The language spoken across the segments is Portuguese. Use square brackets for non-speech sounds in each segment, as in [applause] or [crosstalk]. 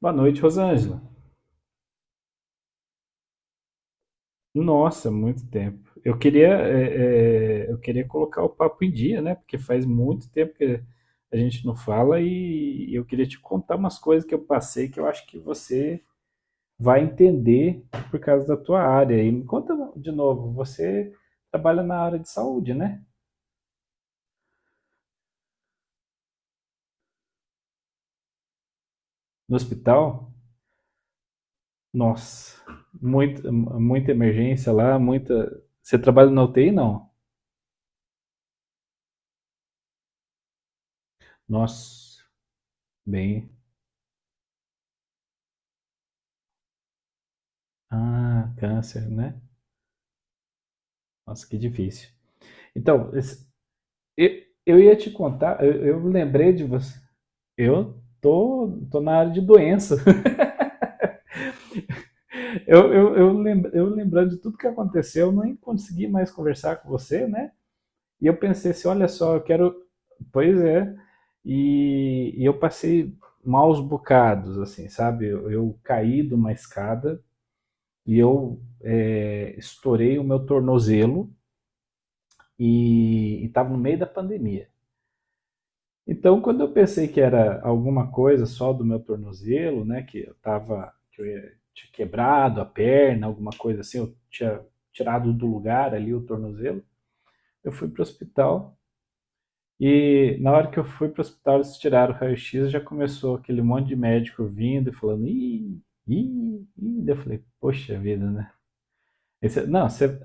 Boa noite, Rosângela. Nossa, muito tempo. Eu queria, eu queria colocar o papo em dia, né? Porque faz muito tempo que a gente não fala e eu queria te contar umas coisas que eu passei que eu acho que você vai entender por causa da tua área. E me conta de novo, você trabalha na área de saúde, né? No hospital? Nossa, muita emergência lá, muita. Você trabalha na UTI, não? Nossa, bem. Ah, câncer, né? Nossa, que difícil. Então, esse- eu, eu ia te contar, eu lembrei de você. Eu tô, tô na área de doença. [laughs] Eu lembrando de tudo que aconteceu, eu nem consegui mais conversar com você, né? E eu pensei assim, olha só, eu quero. Pois é. E eu passei maus bocados, assim, sabe? Eu caí de uma escada e eu estourei o meu tornozelo e estava no meio da pandemia. Então, quando eu pensei que era alguma coisa só do meu tornozelo, né, que eu tava, tinha quebrado a perna, alguma coisa assim, eu tinha tirado do lugar ali o tornozelo, eu fui pro hospital e na hora que eu fui pro hospital eles tiraram o raio-x, já começou aquele monte de médico vindo e falando, daí eu falei, poxa vida, né? Não,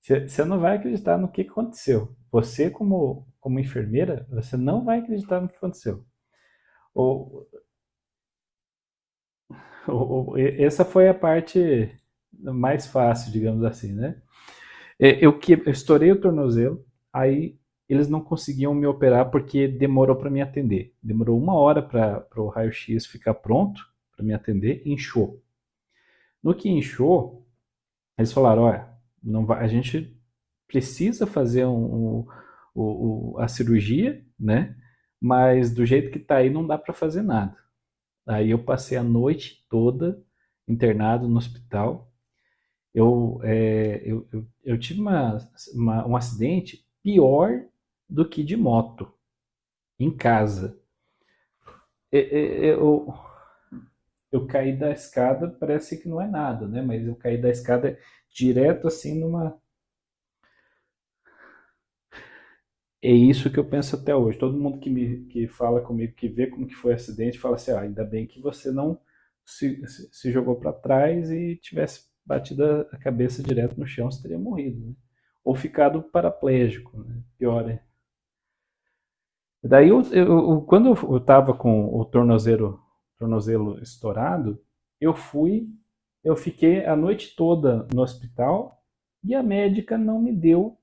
você não vai acreditar no que aconteceu. Você, como enfermeira, você não vai acreditar no que aconteceu. O, Essa foi a parte mais fácil, digamos assim, né? Eu estourei o tornozelo, aí eles não conseguiam me operar porque demorou para me atender. Demorou uma hora para o raio-x ficar pronto para me atender, inchou. No que inchou, eles falaram: olha, não vai, a gente precisa fazer a cirurgia, né? Mas do jeito que tá aí, não dá para fazer nada. Aí eu passei a noite toda internado no hospital. Eu, é, Eu tive uma, um acidente pior do que de moto, em casa. E- Eu, eu caí da escada, parece que não é nada, né? Mas eu caí da escada direto assim numa. É isso que eu penso até hoje. Todo mundo que fala comigo, que vê como que foi o acidente, fala assim: ah, ainda bem que você não se jogou para trás e tivesse batido a cabeça direto no chão, você teria morrido, né? Ou ficado paraplégico, né? Pior ainda. Daí, eu, eu- Quando eu estava com o tornozelo estourado, eu fui, eu fiquei a noite toda no hospital e a médica não me deu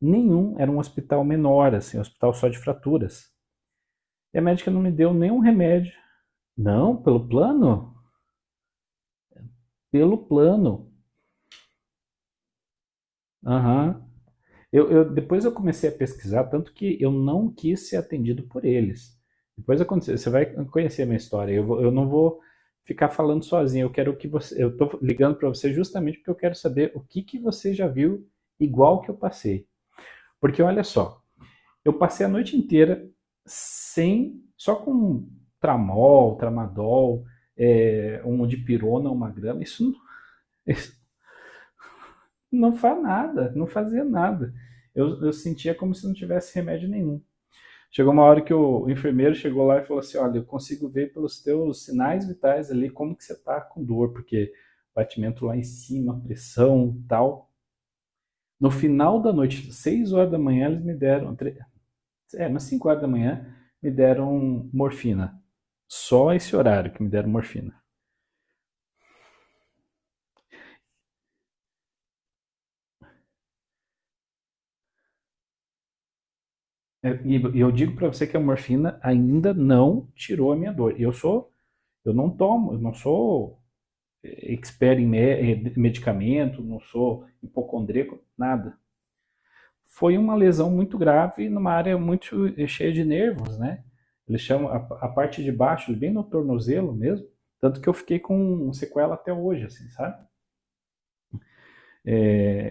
nenhum. Era um hospital menor, assim, um hospital só de fraturas. E a médica não me deu nenhum remédio. Não, pelo plano? Pelo plano. Aham. Depois eu comecei a pesquisar, tanto que eu não quis ser atendido por eles. Depois aconteceu, você vai conhecer a minha história. Eu não vou ficar falando sozinho. Eu quero que você. Eu tô ligando para você justamente porque eu quero saber o que que você já viu igual que eu passei. Porque olha só, eu passei a noite inteira sem, só com um tramadol, um dipirona, uma grama. Isso não, não faz nada, não fazia nada. Eu sentia como se não tivesse remédio nenhum. Chegou uma hora que o enfermeiro chegou lá e falou assim: olha, eu consigo ver pelos teus sinais vitais ali como que você está com dor, porque batimento lá em cima, pressão e tal. No final da noite, 6 horas da manhã, eles me deram, é, umas 5 horas da manhã, me deram morfina. Só esse horário que me deram morfina. É, e eu digo para você que a morfina ainda não tirou a minha dor. E eu sou, eu não tomo, eu não sou expert em medicamento, não sou hipocondríaco, nada. Foi uma lesão muito grave numa área muito cheia de nervos, né? Eles chamam a parte de baixo, bem no tornozelo mesmo, tanto que eu fiquei com um sequela até hoje, assim, sabe? É,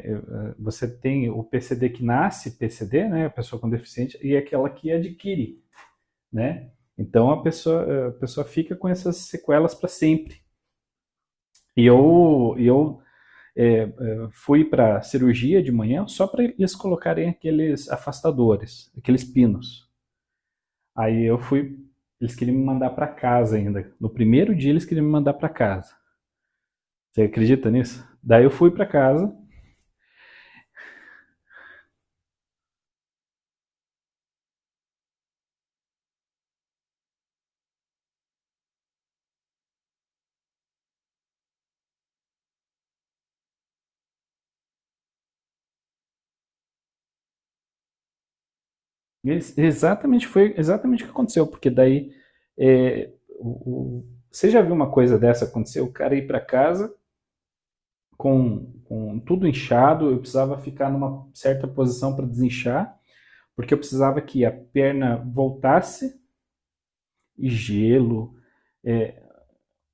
é, Você tem o PCD que nasce PCD, né? A pessoa com deficiência, e é aquela que adquire, né? Então a pessoa fica com essas sequelas para sempre. E eu, eu é, é, Fui para cirurgia de manhã só para eles colocarem aqueles afastadores, aqueles pinos. Aí eu fui. Eles queriam me mandar pra casa ainda. No primeiro dia eles queriam me mandar pra casa. Você acredita nisso? Daí eu fui pra casa. Exatamente foi exatamente o que aconteceu, porque daí é, você já viu uma coisa dessa acontecer? O cara ir pra casa com tudo inchado, eu precisava ficar numa certa posição para desinchar, porque eu precisava que a perna voltasse e gelo. é,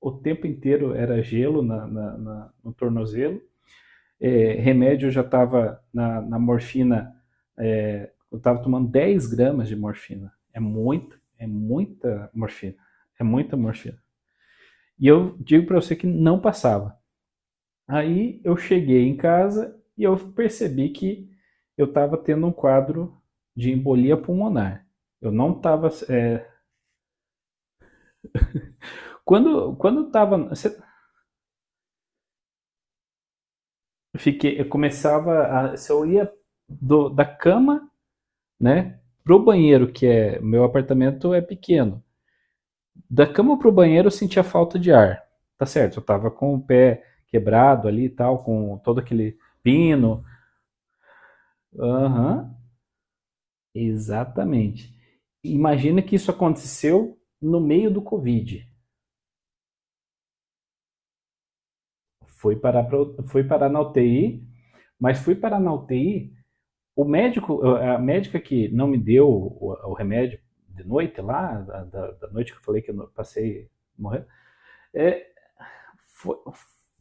o tempo inteiro era gelo no tornozelo. Remédio eu já estava morfina, eu estava tomando 10 gramas de morfina. É muita morfina. É muita morfina. E eu digo para você que não passava. Aí eu cheguei em casa e eu percebi que eu estava tendo um quadro de embolia pulmonar. Eu não estava. Quando eu estava, eu fiquei, eu começava, a, se eu ia da cama, né? Pro banheiro, que é. Meu apartamento é pequeno. Da cama pro banheiro eu sentia falta de ar. Tá certo, eu tava com o pé quebrado ali e tal, com todo aquele pino. Aham, exatamente. Imagina que isso aconteceu no meio do Covid. Fui parar, pra, fui parar na UTI, mas fui parar na UTI. A médica que não me deu o remédio de noite lá, noite que eu falei que eu passei morrendo, é, foi,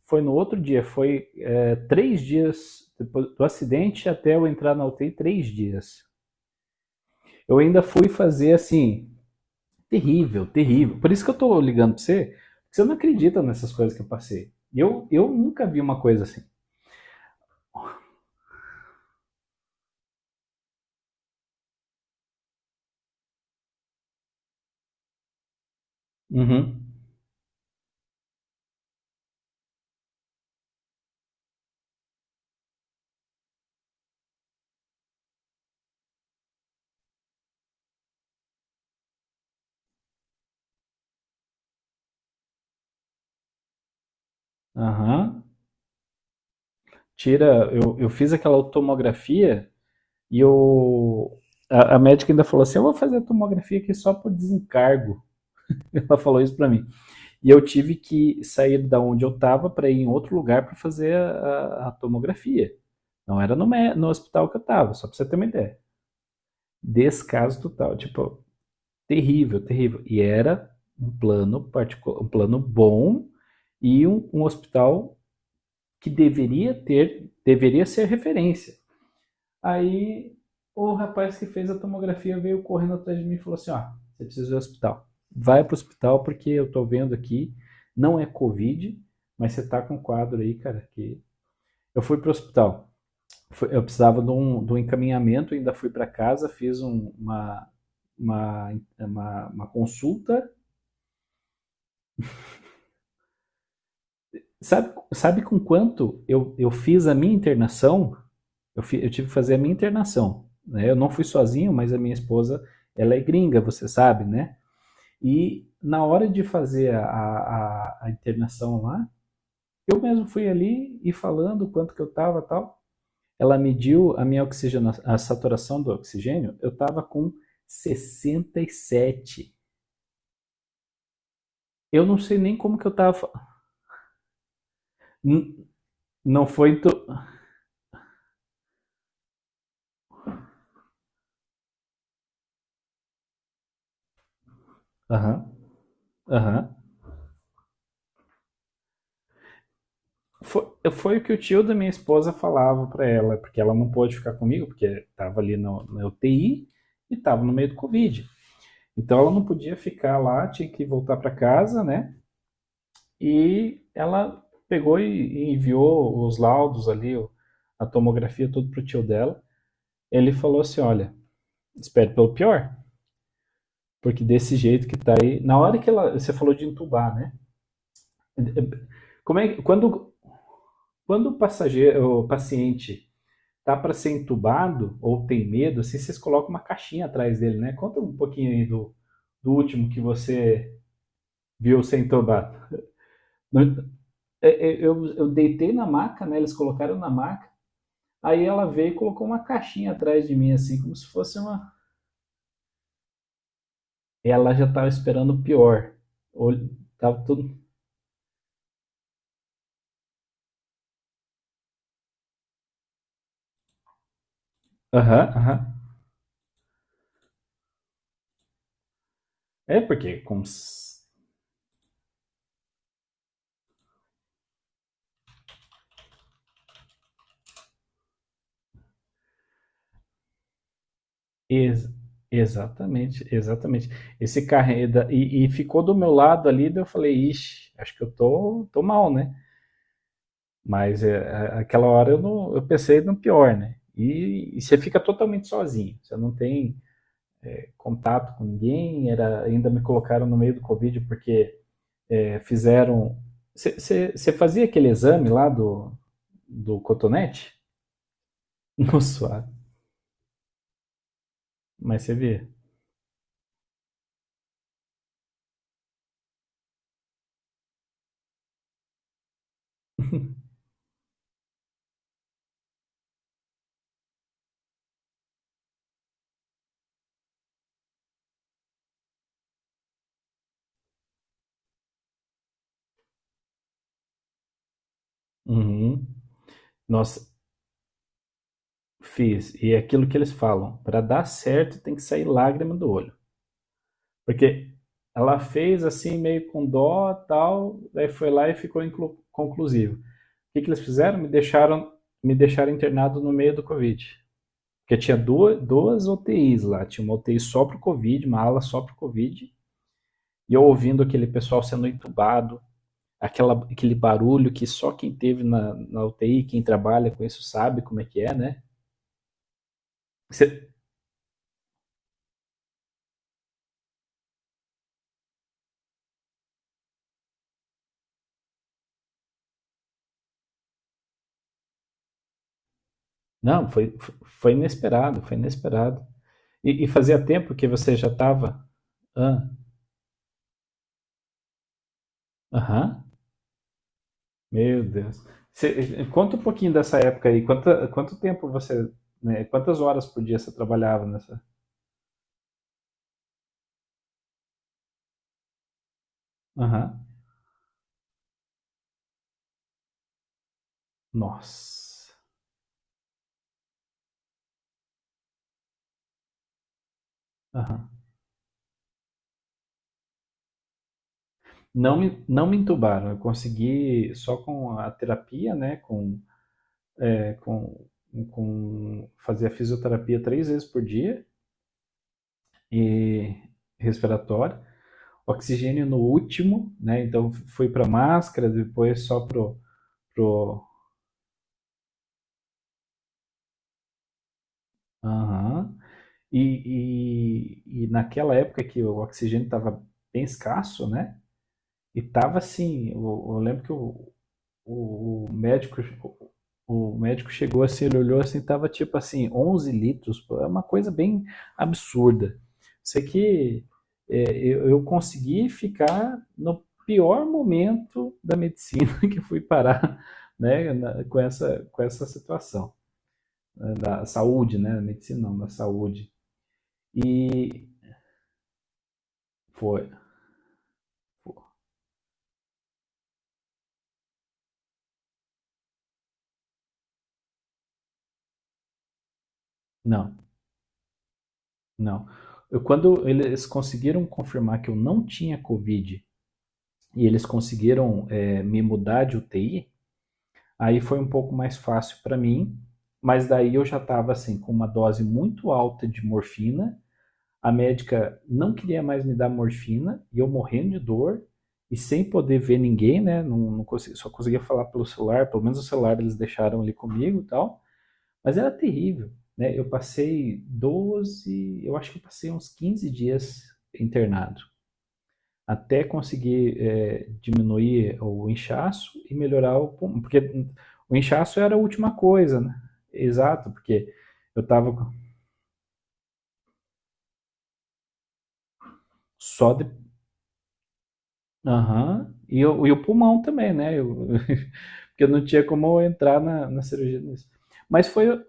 foi no outro dia, três dias depois do acidente até eu entrar na UTI, 3 dias. Eu ainda fui fazer assim, terrível, terrível. Por isso que eu tô ligando pra você, porque você não acredita nessas coisas que eu passei. Eu nunca vi uma coisa assim. Uhum. Aham. Eu fiz aquela tomografia e eu, a médica ainda falou assim: eu vou fazer a tomografia aqui só por desencargo. [laughs] Ela falou isso pra mim. E eu tive que sair da onde eu estava para ir em outro lugar para fazer tomografia. Não era no hospital que eu estava, só para você ter uma ideia. Descaso total, tipo, terrível, terrível. E era um plano particular, um plano bom e um hospital que deveria ter, deveria ser referência. Aí o rapaz que fez a tomografia veio correndo atrás de mim e falou assim: ó, ah, você precisa ir ao hospital. Vai pro hospital porque eu tô vendo aqui, não é Covid, mas você tá com um quadro aí, cara, que. Eu fui pro hospital. Eu precisava de um encaminhamento, ainda fui para casa, fiz uma, uma consulta. Sabe, sabe com quanto eu fiz a minha internação? Eu tive que fazer a minha internação, né? Eu não fui sozinho, mas a minha esposa, ela é gringa, você sabe, né? E na hora de fazer a internação lá, eu mesmo fui ali e falando quanto que eu estava e tal. Ela mediu a minha oxigenação, a saturação do oxigênio, eu estava com 67. Eu não sei nem como que eu estava. Não foi. Aham, tu... aham. Uhum, uhum. Foi, foi, o que o tio da minha esposa falava para ela, porque ela não pôde ficar comigo, porque estava ali no, na UTI e estava no meio do Covid. Então ela não podia ficar lá, tinha que voltar para casa, né? E ela pegou e enviou os laudos ali, o- a tomografia, tudo pro tio dela. Ele falou assim: olha, espere pelo pior, porque desse jeito que tá aí. Na hora que ela. Você falou de entubar, né? Como é, que- quando, quando o passageiro, o paciente tá para ser entubado ou tem medo, assim, vocês colocam uma caixinha atrás dele, né? Conta um pouquinho aí do último que você viu ser entubado. No- eu deitei na maca, né? Eles colocaram na maca. Aí ela veio e colocou uma caixinha atrás de mim, assim, como se fosse uma. Ela já tava esperando o pior. Olho- Tava tudo. Aham, uhum, aham. Uhum. É porque, como. Ex- exatamente, exatamente. Esse carro aí da- e ficou do meu lado ali, daí eu falei, ixi, acho que eu tô, tô mal, né? Mas é, a- aquela hora eu, não, eu pensei no pior, né? E você fica totalmente sozinho, você não tem contato com ninguém, era, ainda me colocaram no meio do Covid porque é, fizeram. Você fazia aquele exame lá do cotonete? [laughs] No suave, mas você via. Uhum. Nossa, fiz. E é aquilo que eles falam: para dar certo tem que sair lágrima do olho. Porque ela fez assim, meio com dó tal, daí foi lá e ficou conclusivo. O que, que eles fizeram? Me deixaram internado no meio do Covid. Porque tinha duas UTIs lá. Tinha uma UTI só para o Covid, uma ala só para o Covid. E eu ouvindo aquele pessoal sendo entubado, aquele barulho que só quem teve na UTI, quem trabalha com isso sabe como é que é, né? Você, não, foi inesperado, foi inesperado. E fazia tempo que você já estava. Aham, ah, meu Deus. Você, conta um pouquinho dessa época aí. Quanto tempo você. Né, quantas horas por dia você trabalhava nessa? Aham. Nossa. Aham. Não, não me entubaram. Eu consegui só com a terapia, né? Né, com, com fazia fisioterapia três vezes por dia e respiratória, oxigênio no último, né? Então fui para máscara, depois só pro. Aham. E, e naquela época que o oxigênio estava bem escasso, né? E tava assim, eu lembro que o. O médico, o médico chegou assim, ele olhou assim, tava tipo assim, 11 litros, pô, é uma coisa bem absurda. Sei que eu consegui ficar no pior momento da medicina [laughs] que fui parar, né, com essa situação, né, da saúde, né, da medicina não, da saúde. E foi, foi não, não. Quando eles conseguiram confirmar que eu não tinha Covid e eles conseguiram me mudar de UTI. Aí foi um pouco mais fácil para mim, mas daí eu já estava assim com uma dose muito alta de morfina. A médica não queria mais me dar morfina e eu morrendo de dor e sem poder ver ninguém, né? Não, não consegui, só conseguia falar pelo celular, pelo menos o celular eles deixaram ali comigo e tal. Mas era terrível, né? Eu passei 12, eu acho que eu passei uns 15 dias internado até conseguir diminuir o inchaço e melhorar o pulmão. Porque o inchaço era a última coisa, né? Exato, porque eu estava só de. Aham. E o pulmão também, né? [laughs] Porque eu não tinha como entrar na cirurgia nisso. Mas foi.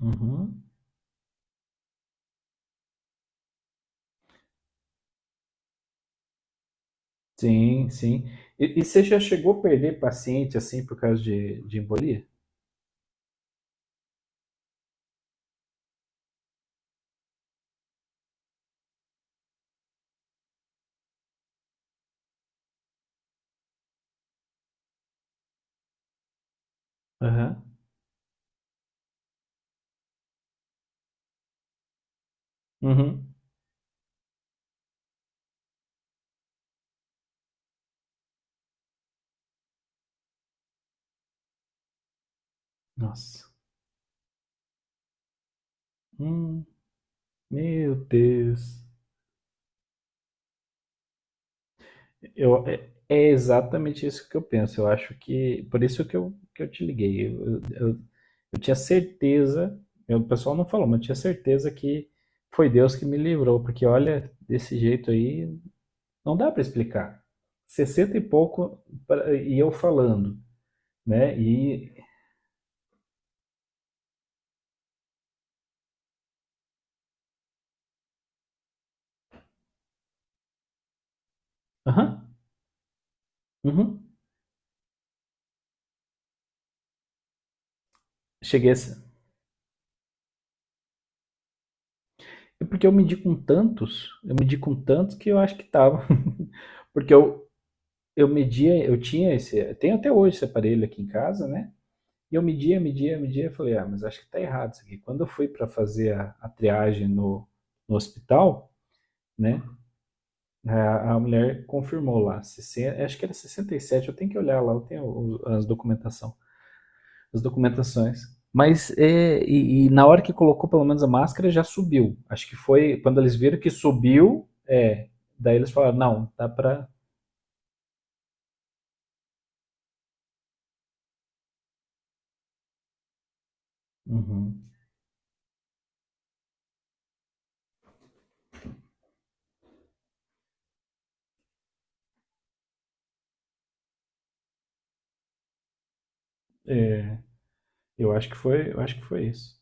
Uhum. Sim, sim. E você já chegou a perder paciente assim por causa de embolia? Aham. Uhum. Nossa. Hum, meu Deus. Eu, é é exatamente isso que eu penso. Eu acho que. Por isso que eu te liguei. Eu tinha certeza. O pessoal não falou, mas eu tinha certeza que foi Deus que me livrou. Porque olha, desse jeito aí, não dá para explicar. 60 e pouco e eu falando, né? E. Aham, uhum, cheguei a. É porque eu medi com tantos, eu medi com tantos que eu acho que tava. [laughs] Porque eu media, eu tinha esse. Eu tenho até hoje esse aparelho aqui em casa, né? E eu media, media, media, falei, ah, mas acho que tá errado isso aqui. Quando eu fui para fazer a triagem no hospital, né, a mulher confirmou lá, 60, acho que era 67, eu tenho que olhar lá, eu tenho as documentação, as documentações. Mas e na hora que colocou pelo menos a máscara, já subiu. Acho que foi quando eles viram que subiu, daí eles falaram, não, dá pra... Uhum. É, eu acho que foi isso.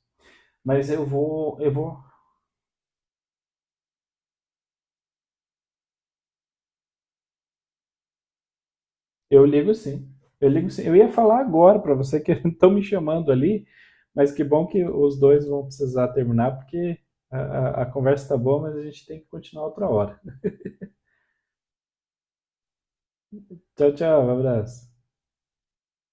Mas eu vou, eu vou. Eu ligo sim. Eu ligo sim. Eu ia falar agora para você que [laughs] estão me chamando ali, mas que bom que os dois vão precisar terminar, porque a conversa está boa, mas a gente tem que continuar outra hora. Tchau, tchau. Abraço.